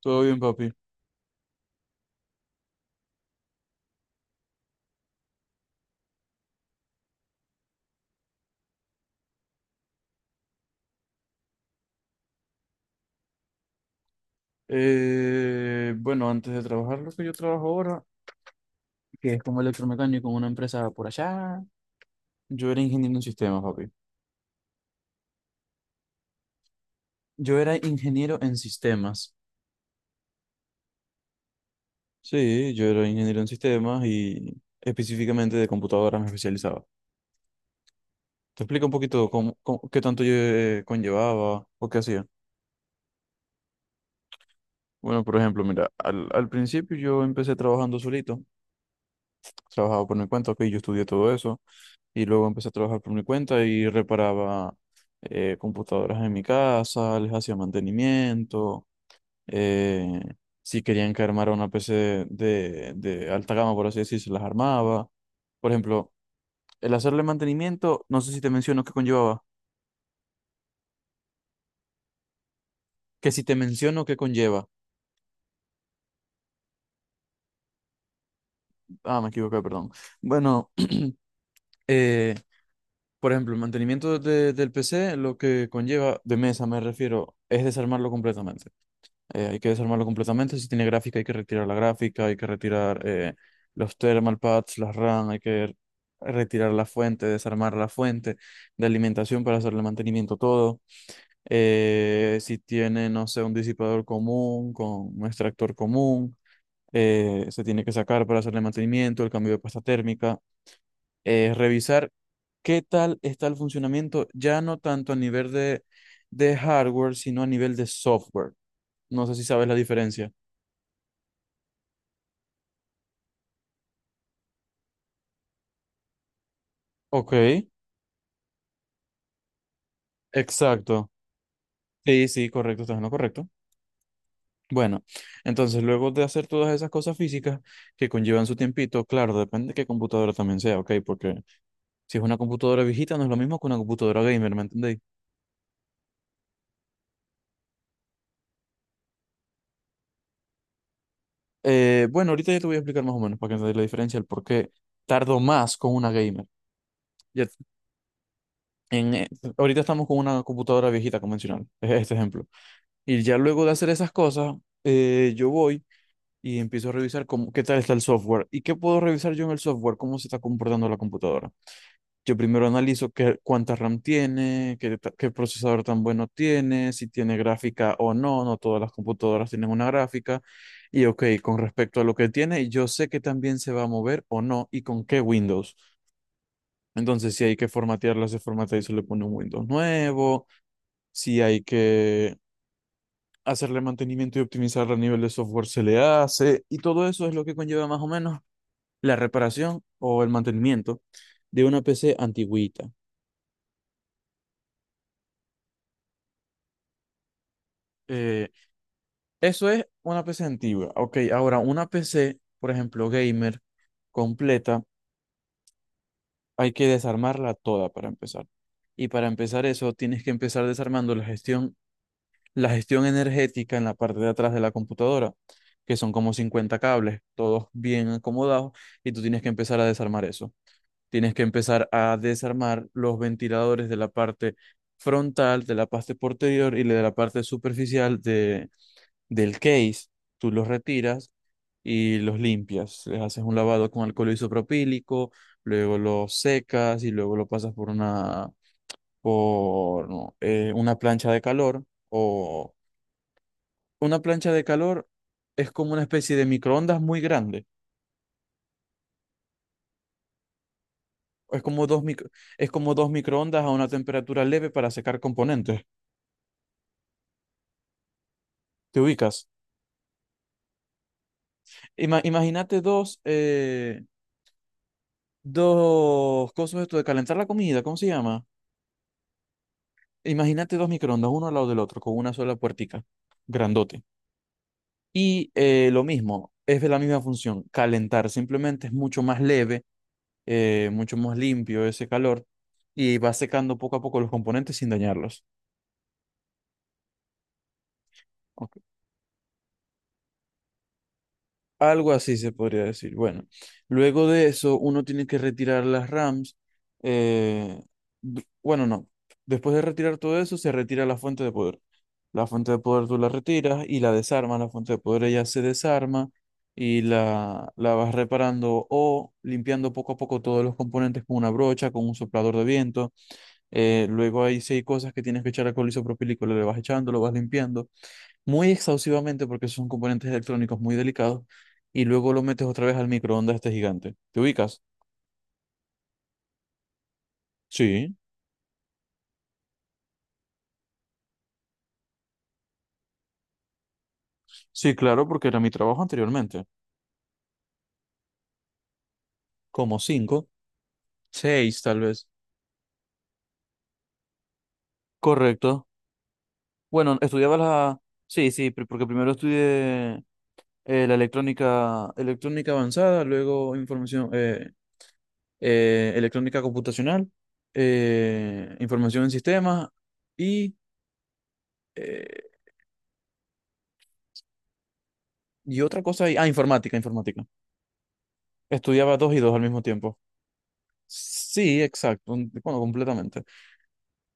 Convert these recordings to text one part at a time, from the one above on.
Todo bien, papi. Bueno, antes de trabajar lo que yo trabajo ahora, que es como electromecánico en una empresa por allá, yo era ingeniero en sistemas, papi. Yo era ingeniero en sistemas. Sí, yo era ingeniero en sistemas y específicamente de computadoras me especializaba. Te explico un poquito cómo, qué tanto yo conllevaba o qué hacía. Bueno, por ejemplo, mira, al principio yo empecé trabajando solito, trabajaba por mi cuenta, ok, yo estudié todo eso y luego empecé a trabajar por mi cuenta y reparaba computadoras en mi casa, les hacía mantenimiento. eh, si querían que armara una PC de alta gama, por así decir, se las armaba. Por ejemplo, el hacerle mantenimiento, no sé si te menciono qué conllevaba, que si te menciono qué conlleva. Ah, me equivoqué, perdón. Bueno, eh, por ejemplo, el mantenimiento del PC, lo que conlleva, de mesa me refiero, es desarmarlo completamente. Hay que desarmarlo completamente. Si tiene gráfica, hay que retirar la gráfica, hay que retirar los thermal pads, las RAM. Hay que retirar la fuente, desarmar la fuente de alimentación para hacerle mantenimiento todo. Si tiene, no sé, un disipador común con un extractor común, se tiene que sacar para hacerle mantenimiento, el cambio de pasta térmica. Revisar qué tal está el funcionamiento, ya no tanto a nivel de hardware, sino a nivel de software. No sé si sabes la diferencia. Ok, exacto. Sí, sí, correcto, estás en lo correcto. Bueno, entonces luego de hacer todas esas cosas físicas que conllevan su tiempito, claro, depende de qué computadora también sea, ok, porque si es una computadora viejita no es lo mismo que una computadora gamer, ¿me entendéis? Bueno, ahorita ya te voy a explicar más o menos para que entendáis la diferencia, el por qué tardo más con una gamer. Ya, en, eh, ahorita estamos con una computadora viejita convencional, es este ejemplo. Y ya luego de hacer esas cosas, yo voy y empiezo a revisar cómo, qué tal está el software y qué puedo revisar yo en el software, cómo se está comportando la computadora. Yo primero analizo qué, cuánta RAM tiene, qué, qué procesador tan bueno tiene, si tiene gráfica o no, no todas las computadoras tienen una gráfica. Y ok, con respecto a lo que tiene, yo sé que también se va a mover o no y con qué Windows. Entonces, si hay que formatearla, se formatea y se le pone un Windows nuevo. Si hay que hacerle mantenimiento y optimizar a nivel de software, se le hace. Y todo eso es lo que conlleva más o menos la reparación o el mantenimiento de una PC antigüita. Eh, Eso es una PC antigua. Ok, ahora una PC, por ejemplo, gamer, completa, hay que desarmarla toda para empezar. Y para empezar eso, tienes que empezar desarmando la gestión energética en la parte de atrás de la computadora, que son como 50 cables, todos bien acomodados, y tú tienes que empezar a desarmar eso. Tienes que empezar a desarmar los ventiladores de la parte frontal, de la parte posterior y de la parte superficial del case. Tú los retiras y los limpias. Les haces un lavado con alcohol isopropílico, luego los secas y luego lo pasas por una, por, no, una plancha de calor. O una plancha de calor es como una especie de microondas muy grande. Es como dos micro, es como dos microondas a una temperatura leve para secar componentes. ¿Te ubicas? Imagínate dos, dos cosas esto de calentar la comida, ¿cómo se llama? Imagínate dos microondas, uno al lado del otro, con una sola puertica, grandote. Y lo mismo, es de la misma función, calentar, simplemente es mucho más leve, mucho más limpio ese calor, y va secando poco a poco los componentes sin dañarlos. Ok. Algo así se podría decir. Bueno, luego de eso, uno tiene que retirar las RAMs. eh, bueno, no. Después de retirar todo eso, se retira la fuente de poder. La fuente de poder tú la retiras y la desarmas. La fuente de poder ella se desarma y la vas reparando o limpiando poco a poco todos los componentes con una brocha, con un soplador de viento. Luego hay seis cosas que tienes que echar alcohol isopropílico, le vas echando, lo vas limpiando muy exhaustivamente porque son componentes electrónicos muy delicados, y luego lo metes otra vez al microondas este gigante. ¿Te ubicas? Sí, sí, claro, porque era mi trabajo anteriormente. Como cinco, seis tal vez. Correcto. Bueno, estudiaba la... Sí, sí, porque primero estudié la electrónica, electrónica avanzada, luego información, electrónica computacional, información en sistemas, y, eh, y otra cosa, informática, informática. Estudiaba dos y dos al mismo tiempo. Sí, exacto, completamente.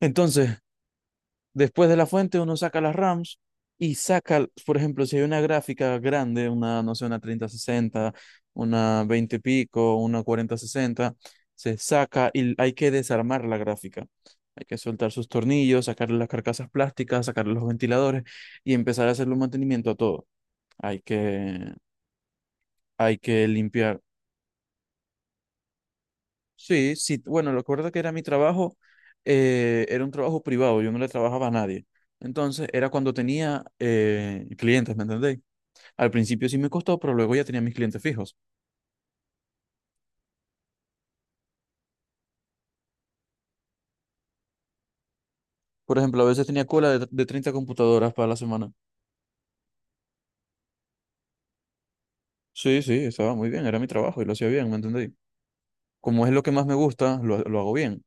Entonces, después de la fuente uno saca las RAMs y saca, por ejemplo, si hay una gráfica grande, una, no sé, una treinta sesenta, una 20 pico, una cuarenta sesenta, se saca y hay que desarmar la gráfica. Hay que soltar sus tornillos, sacarle las carcasas plásticas, sacarle los ventiladores y empezar a hacerle un mantenimiento a todo. Hay que, hay que limpiar. Sí, sí, bueno, lo recuerdo, que era mi trabajo, era un trabajo privado, yo no le trabajaba a nadie. Entonces, era cuando tenía clientes, ¿me entendéis? Al principio sí me costó, pero luego ya tenía mis clientes fijos. Por ejemplo, a veces tenía cola de 30 computadoras para la semana. Sí, sí, estaba muy bien, era mi trabajo y lo hacía bien, ¿me entendéis? Como es lo que más me gusta, lo hago bien.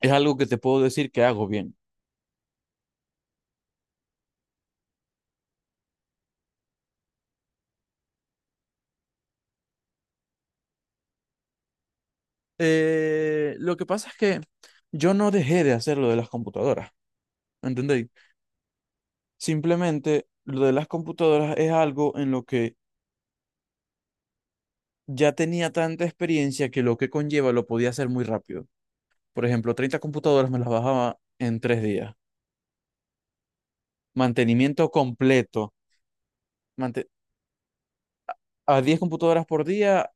Es algo que te puedo decir que hago bien. Lo que pasa es que yo no dejé de hacer lo de las computadoras, ¿me entendéis? Simplemente lo de las computadoras es algo en lo que ya tenía tanta experiencia que lo que conlleva lo podía hacer muy rápido. Por ejemplo, 30 computadoras me las bajaba en 3 días. Mantenimiento completo. mante- a 10 computadoras por día,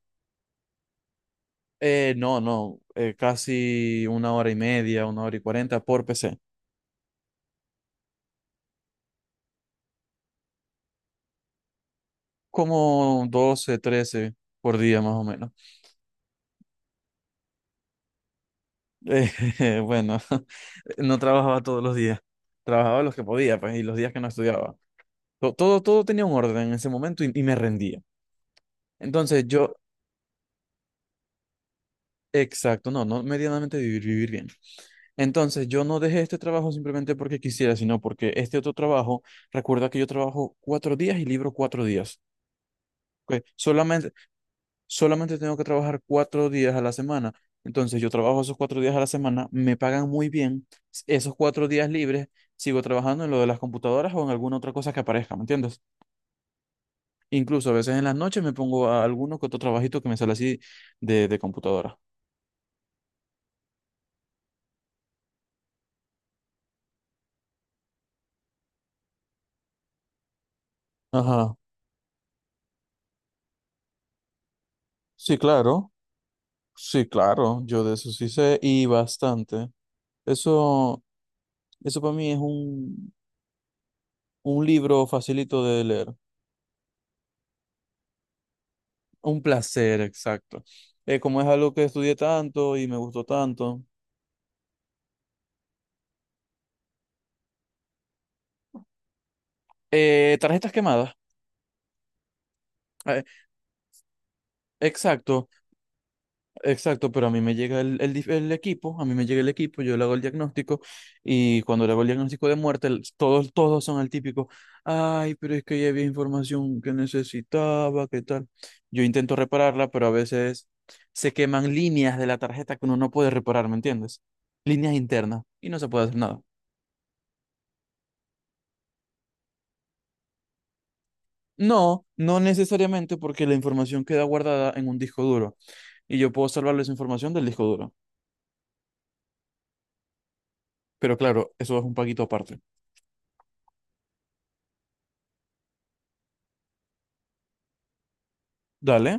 no, no, casi una hora y media, una hora y cuarenta por PC. Como 12, 13 por día más o menos. Eh, bueno, no trabajaba todos los días. Trabajaba los que podía, pues, y los días que no estudiaba. Todo, todo tenía un orden en ese momento, y me rendía. Entonces yo, exacto, no, no medianamente vivir, vivir bien. Entonces yo no dejé este trabajo simplemente porque quisiera, sino porque este otro trabajo, recuerda que yo trabajo 4 días y libro 4 días. ¿Ok? Solamente tengo que trabajar 4 días a la semana. Entonces yo trabajo esos 4 días a la semana, me pagan muy bien. Esos 4 días libres, sigo trabajando en lo de las computadoras o en alguna otra cosa que aparezca, ¿me entiendes? Incluso a veces en las noches me pongo a alguno que otro trabajito que me sale así de computadora. Ajá. Sí, claro. Sí, claro. Yo de eso sí sé y bastante. Eso, eso para mí es un libro facilito de leer. Un placer, exacto. Como es algo que estudié tanto y me gustó tanto. Tarjetas quemadas. Eh, exacto. Exacto, pero a mí me llega el equipo, a mí me llega el equipo, yo le hago el diagnóstico, y cuando le hago el diagnóstico de muerte, todos, todos son el típico: ay, pero es que ya había información que necesitaba, ¿qué tal? Yo intento repararla, pero a veces se queman líneas de la tarjeta que uno no puede reparar, ¿me entiendes? Líneas internas y no se puede hacer nada. No, no necesariamente, porque la información queda guardada en un disco duro y yo puedo salvarle esa información del disco duro. Pero claro, eso es un paquito aparte. Dale.